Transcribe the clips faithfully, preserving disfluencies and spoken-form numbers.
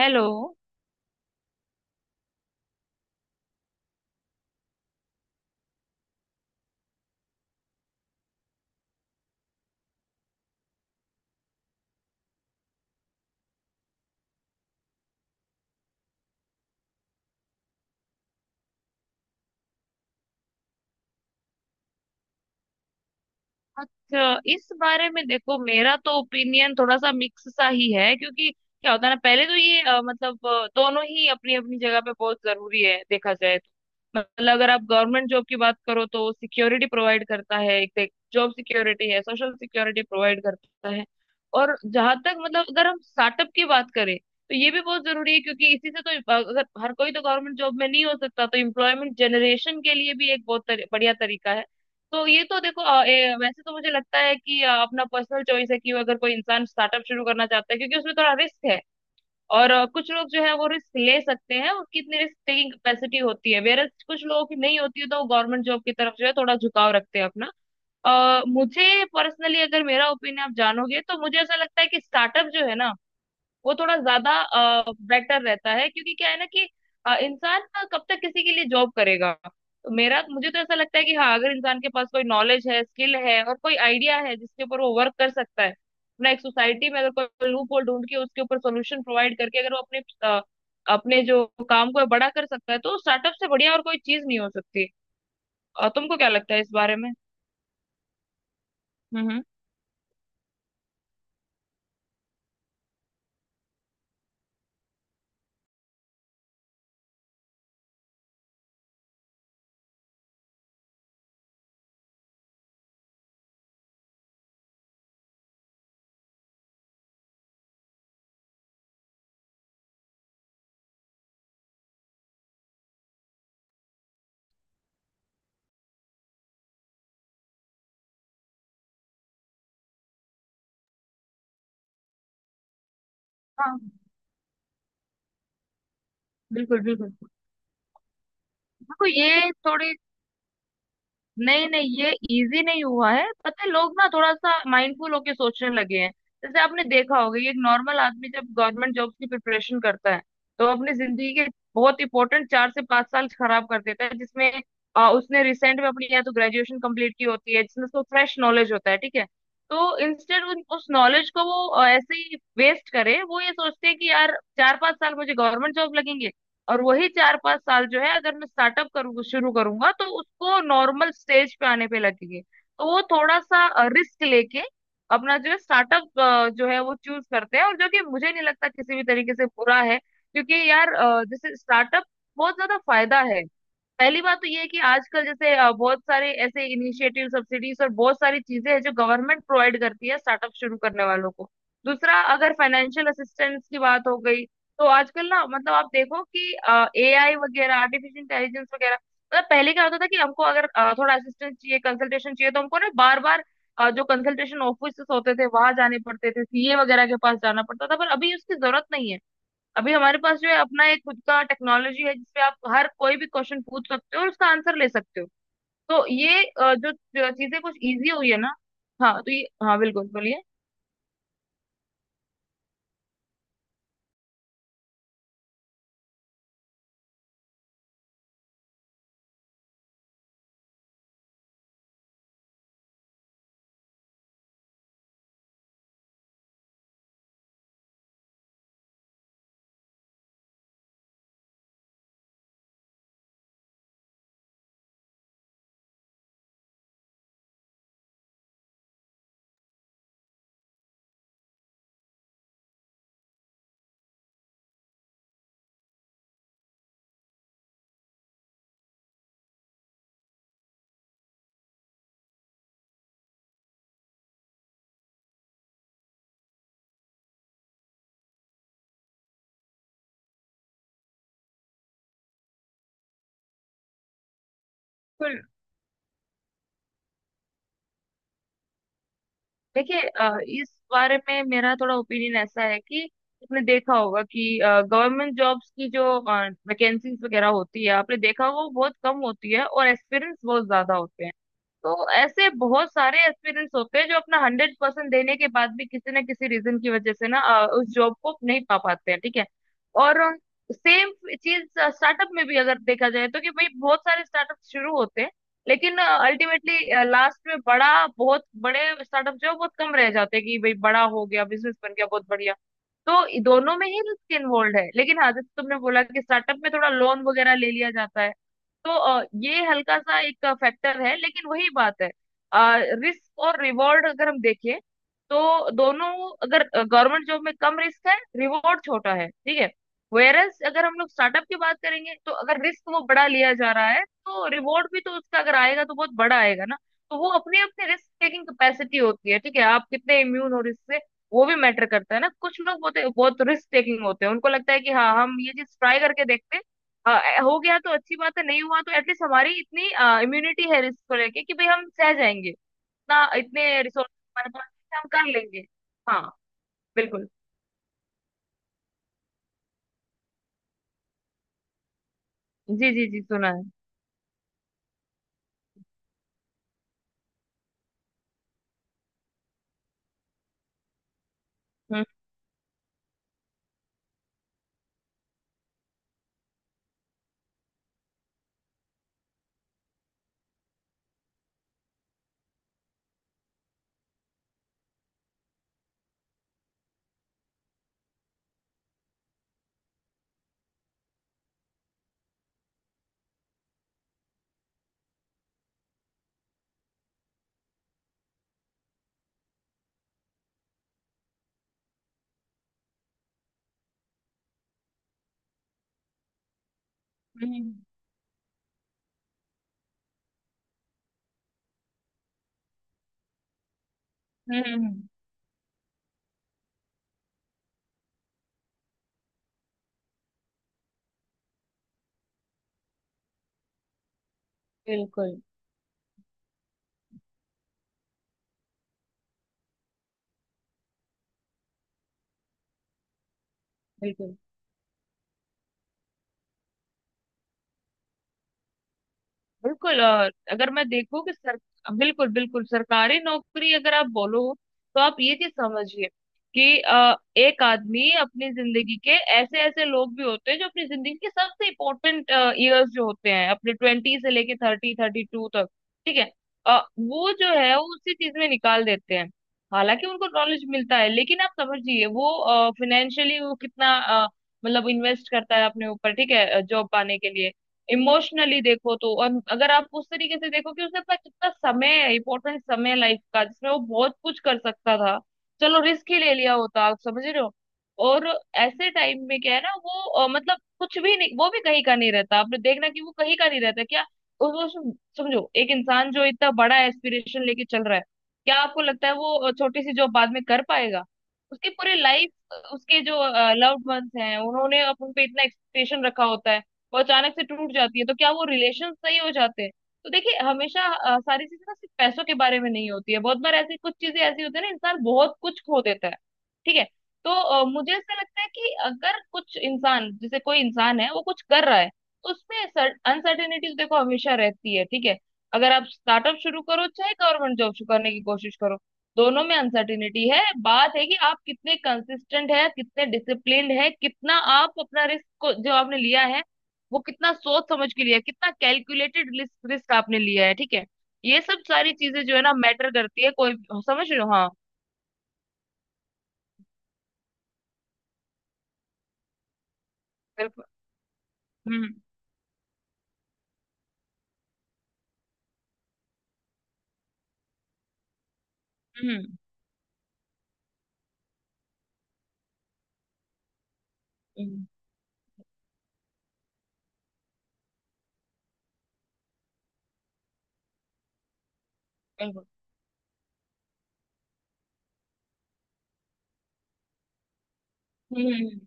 Hello. अच्छा, इस बारे में देखो, मेरा तो ओपिनियन थोड़ा सा मिक्स सा ही है, क्योंकि क्या होता है ना, पहले तो ये अ, मतलब अ, दोनों ही अपनी अपनी जगह पे बहुत जरूरी है, देखा जाए। मतलब अगर आप गवर्नमेंट जॉब की बात करो तो सिक्योरिटी प्रोवाइड करता है, एक जॉब सिक्योरिटी है, सोशल सिक्योरिटी प्रोवाइड करता है। और जहां तक मतलब अगर हम स्टार्टअप की बात करें तो ये भी बहुत जरूरी है, क्योंकि इसी से तो अगर हर कोई तो गवर्नमेंट जॉब में नहीं हो सकता, तो एम्प्लॉयमेंट जनरेशन के लिए भी एक बहुत तरी, बढ़िया तरीका है। तो ये तो देखो अ, ए, वैसे तो मुझे लगता है कि अ, अपना पर्सनल चॉइस है कि अगर कोई इंसान स्टार्टअप शुरू करना चाहता है, क्योंकि उसमें थोड़ा रिस्क है। और अ, कुछ लोग जो है वो रिस्क ले सकते हैं, उनकी इतनी रिस्क टेकिंग कैपेसिटी होती है, वेयर कुछ लोगों की नहीं होती है, तो वो गवर्नमेंट जॉब की तरफ जो है थोड़ा झुकाव रखते हैं अपना। अ, मुझे पर्सनली अगर मेरा ओपिनियन आप जानोगे तो मुझे ऐसा लगता है कि स्टार्टअप जो है ना वो थोड़ा ज्यादा बेटर रहता है, क्योंकि क्या है ना कि अ, इंसान ना कब तक किसी के लिए जॉब करेगा। तो मेरा मुझे तो ऐसा लगता है कि हाँ अगर इंसान के पास कोई नॉलेज है, स्किल है और कोई आइडिया है जिसके ऊपर वो वर्क कर सकता है अपना, एक सोसाइटी में अगर कोई लूप होल ढूंढ के उसके ऊपर सोल्यूशन प्रोवाइड करके अगर वो अपने अ, अपने जो काम को है बड़ा कर सकता है, तो स्टार्टअप से बढ़िया और कोई चीज नहीं हो सकती। अ, तुमको क्या लगता है इस बारे में? हम्म, हम्म। हाँ, बिल्कुल, बिल्कुल। देखो ये थोड़ी नहीं नहीं, ये इजी नहीं हुआ है, पता है, लोग ना थोड़ा सा माइंडफुल होके सोचने लगे हैं। जैसे आपने देखा होगा ये एक नॉर्मल आदमी जब गवर्नमेंट जॉब की प्रिपरेशन करता है तो अपनी जिंदगी के बहुत इंपॉर्टेंट चार से पांच साल खराब कर देता है, जिसमें आ, उसने रिसेंट में अपनी या तो ग्रेजुएशन कंप्लीट की होती है जिसमें उसको फ्रेश नॉलेज होता है, ठीक है। तो इंस्टेड उस नॉलेज को वो आ, ऐसे ही वेस्ट करे, वो ये सोचते हैं कि यार चार पांच साल मुझे गवर्नमेंट जॉब लगेंगे, और वही चार पांच साल जो है अगर मैं स्टार्टअप करूँ शुरू करूंगा तो उसको नॉर्मल स्टेज पे आने पे लगेंगे, तो वो थोड़ा सा रिस्क लेके अपना जो है स्टार्टअप जो है वो चूज करते हैं, और जो कि मुझे नहीं लगता किसी भी तरीके से बुरा है, क्योंकि यार अ, जैसे स्टार्टअप बहुत ज्यादा फायदा है। पहली बात तो ये है कि आजकल जैसे अ, बहुत सारे ऐसे इनिशिएटिव, सब्सिडीज और बहुत सारी चीजें हैं जो गवर्नमेंट प्रोवाइड करती है स्टार्टअप शुरू करने वालों को। दूसरा, अगर फाइनेंशियल असिस्टेंस की बात हो गई तो आजकल ना, मतलब आप देखो कि एआई वगैरह, आर्टिफिशियल इंटेलिजेंस वगैरह, मतलब पहले क्या होता था कि हमको अगर अ, थोड़ा असिस्टेंस चाहिए, कंसल्टेशन चाहिए तो हमको ना बार बार जो कंसल्टेशन ऑफिस होते थे वहां जाने पड़ते थे, सीए वगैरह के पास जाना पड़ता था, पर अभी उसकी जरूरत नहीं है। अभी हमारे पास जो है अपना एक खुद का टेक्नोलॉजी है जिसपे आप हर कोई भी क्वेश्चन पूछ सकते हो और उसका आंसर ले सकते हो। तो ये अ, जो जो चीजें कुछ इजी हुई है ना। हाँ तो ये, हाँ बिल्कुल, बोलिए। बिल्कुल। देखिए अ, इस बारे में मेरा थोड़ा ओपिनियन ऐसा है कि आपने देखा होगा कि गवर्नमेंट जॉब्स की जो वैकेंसीज वगैरह होती है, आपने देखा होगा वो बहुत कम होती है और एक्सपीरियंस बहुत ज्यादा होते हैं। तो ऐसे बहुत सारे एक्सपीरियंस होते हैं जो अपना हंड्रेड परसेंट देने के बाद भी किसी ना किसी रीजन की वजह से ना अ, उस जॉब को नहीं पा पाते हैं, ठीक है। और सेम चीज स्टार्टअप में भी अगर देखा जाए, तो कि भाई बहुत सारे स्टार्टअप शुरू होते हैं, लेकिन अल्टीमेटली लास्ट में बड़ा बहुत बड़े स्टार्टअप जो है बहुत कम रह जाते हैं, कि भाई बड़ा हो गया, बिजनेस बन गया, बहुत बढ़िया। तो दोनों में ही रिस्क इन्वॉल्व है, लेकिन हाँ जैसे तुमने बोला कि स्टार्टअप में थोड़ा लोन वगैरह ले लिया जाता है, तो अ, ये हल्का सा एक फैक्टर है, लेकिन वही बात है। रिस्क और रिवॉर्ड अगर हम देखें तो दोनों, अगर गवर्नमेंट जॉब में कम रिस्क है, रिवॉर्ड छोटा है, ठीक है। वेयरस अगर हम लोग स्टार्टअप की बात करेंगे तो अगर रिस्क वो बड़ा लिया जा रहा है, तो रिवॉर्ड भी तो उसका अगर आएगा तो बहुत बड़ा आएगा ना। तो वो अपनी अपनी रिस्क टेकिंग कैपेसिटी होती है, ठीक है, आप कितने इम्यून हो रिस्क से वो भी मैटर करता है ना, कुछ लोग बहुत बहुत रिस्क टेकिंग होते हैं, उनको लगता है कि हाँ हम ये चीज ट्राई करके देखते हैं, अ, हो गया तो अच्छी बात है, नहीं हुआ तो एटलीस्ट हमारी इतनी इम्यूनिटी है रिस्क को लेके कि भाई हम सह जाएंगे, ना इतने रिसोर्स हमारे पास है कि हम कर लेंगे। हाँ, बिल्कुल। जी जी जी, सुना है। हम्म, हम्म। हम्म, हम्म, हम्म, बिल्कुल। बिल्कुल, बिल्कुल। और अगर मैं देखूं कि सर, बिल्कुल, बिल्कुल, सरकारी नौकरी अगर आप बोलो तो आप ये चीज समझिए कि अ, एक आदमी अपनी जिंदगी के, ऐसे ऐसे लोग भी होते हैं जो अपनी जिंदगी के सबसे इम्पोर्टेंट ईयर्स जो होते हैं, अपने ट्वेंटी से लेके थर्टी थर्टी टू तक, ठीक है। अ, वो जो है वो उसी चीज में निकाल देते हैं, हालांकि उनको नॉलेज मिलता है, लेकिन आप समझिए वो फाइनेंशियली वो कितना अ, मतलब इन्वेस्ट करता है अपने ऊपर, ठीक है, जॉब पाने के लिए। इमोशनली देखो तो, और अगर आप उस तरीके से देखो कि उसने अपना कितना समय, इंपॉर्टेंट समय लाइफ का, जिसमें वो बहुत कुछ कर सकता था, चलो रिस्क ही ले लिया होता, आप समझ रहे हो। और ऐसे टाइम में क्या है ना वो अ, मतलब कुछ भी नहीं, वो भी कहीं का नहीं रहता, आपने देखना कि वो कहीं का नहीं रहता क्या। उस वो सम- समझो, एक इंसान जो इतना बड़ा एस्पिरेशन लेके चल रहा है, क्या आपको लगता है वो अ, छोटी सी जॉब बाद में कर पाएगा? उसकी पूरी लाइफ, उसके जो लव्ड वंस हैं, उन्होंने अपन पे इतना एक्सपेक्टेशन रखा होता है, वो अचानक से टूट जाती है, तो क्या वो रिलेशन सही हो जाते हैं? तो देखिए हमेशा अ, सारी चीजें ना सिर्फ पैसों के बारे में नहीं होती है, बहुत बार ऐसी कुछ चीजें ऐसी होती है ना, इंसान बहुत कुछ खो देता है, ठीक है। तो अ, मुझे ऐसा लगता है कि अगर कुछ इंसान, जैसे कोई इंसान है वो कुछ कर रहा है, तो उसमें अनसर्टेनिटीज देखो हमेशा रहती है, ठीक है। अगर आप स्टार्टअप शुरू करो चाहे गवर्नमेंट जॉब शुरू करने की कोशिश करो, दोनों में अनसर्टेनिटी है, बात है कि आप कितने कंसिस्टेंट है, कितने डिसिप्लिन्ड है, कितना आप अपना रिस्क को जो आपने लिया है वो कितना सोच समझ के लिया है, कितना कैलकुलेटेड रिस्क रिस्क आपने लिया है, ठीक है। ये सब सारी चीजें जो है ना मैटर करती है, कोई। समझ रहे हो? हाँ, बिल्कुल। हम्म, हम्म, हम्म, बिल्कुल। हम्म, हम्म,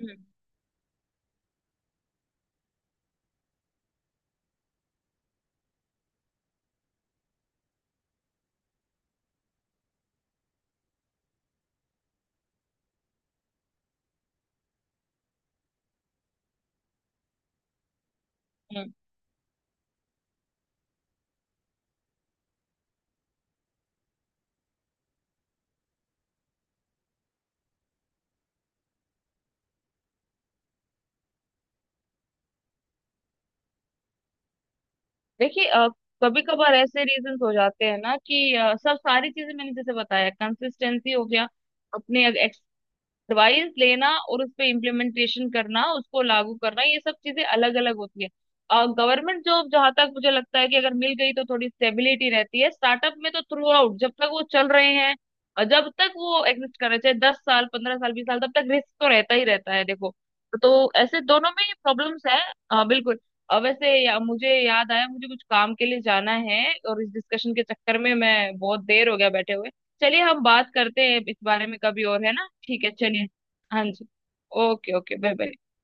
हम्म, हम्म। देखिए कभी कभार ऐसे रीजंस हो जाते हैं ना कि अ, सब सारी चीजें मैंने जैसे बताया, कंसिस्टेंसी हो गया, अपने एडवाइस लेना और उस पे इम्प्लीमेंटेशन करना, उसको लागू करना, ये सब चीजें अलग अलग होती है। गवर्नमेंट जॉब जहां तक मुझे लगता है कि अगर मिल गई तो थोड़ी स्टेबिलिटी रहती है, स्टार्टअप में तो थ्रू आउट जब तक वो चल रहे हैं और जब तक वो एग्जिस्ट कर रहे हैं, चाहे दस साल पंद्रह साल बीस साल, तब तक रिस्क तो रहता ही रहता है, देखो। तो ऐसे दोनों में प्रॉब्लम्स है। हाँ, बिल्कुल। अ, वैसे या, मुझे याद आया, मुझे कुछ काम के लिए जाना है, और इस डिस्कशन के चक्कर में मैं बहुत देर हो गया बैठे हुए। चलिए हम बात करते हैं इस बारे में कभी और, है ना, ठीक है, चलिए। हाँ जी। Okay, okay, bye bye.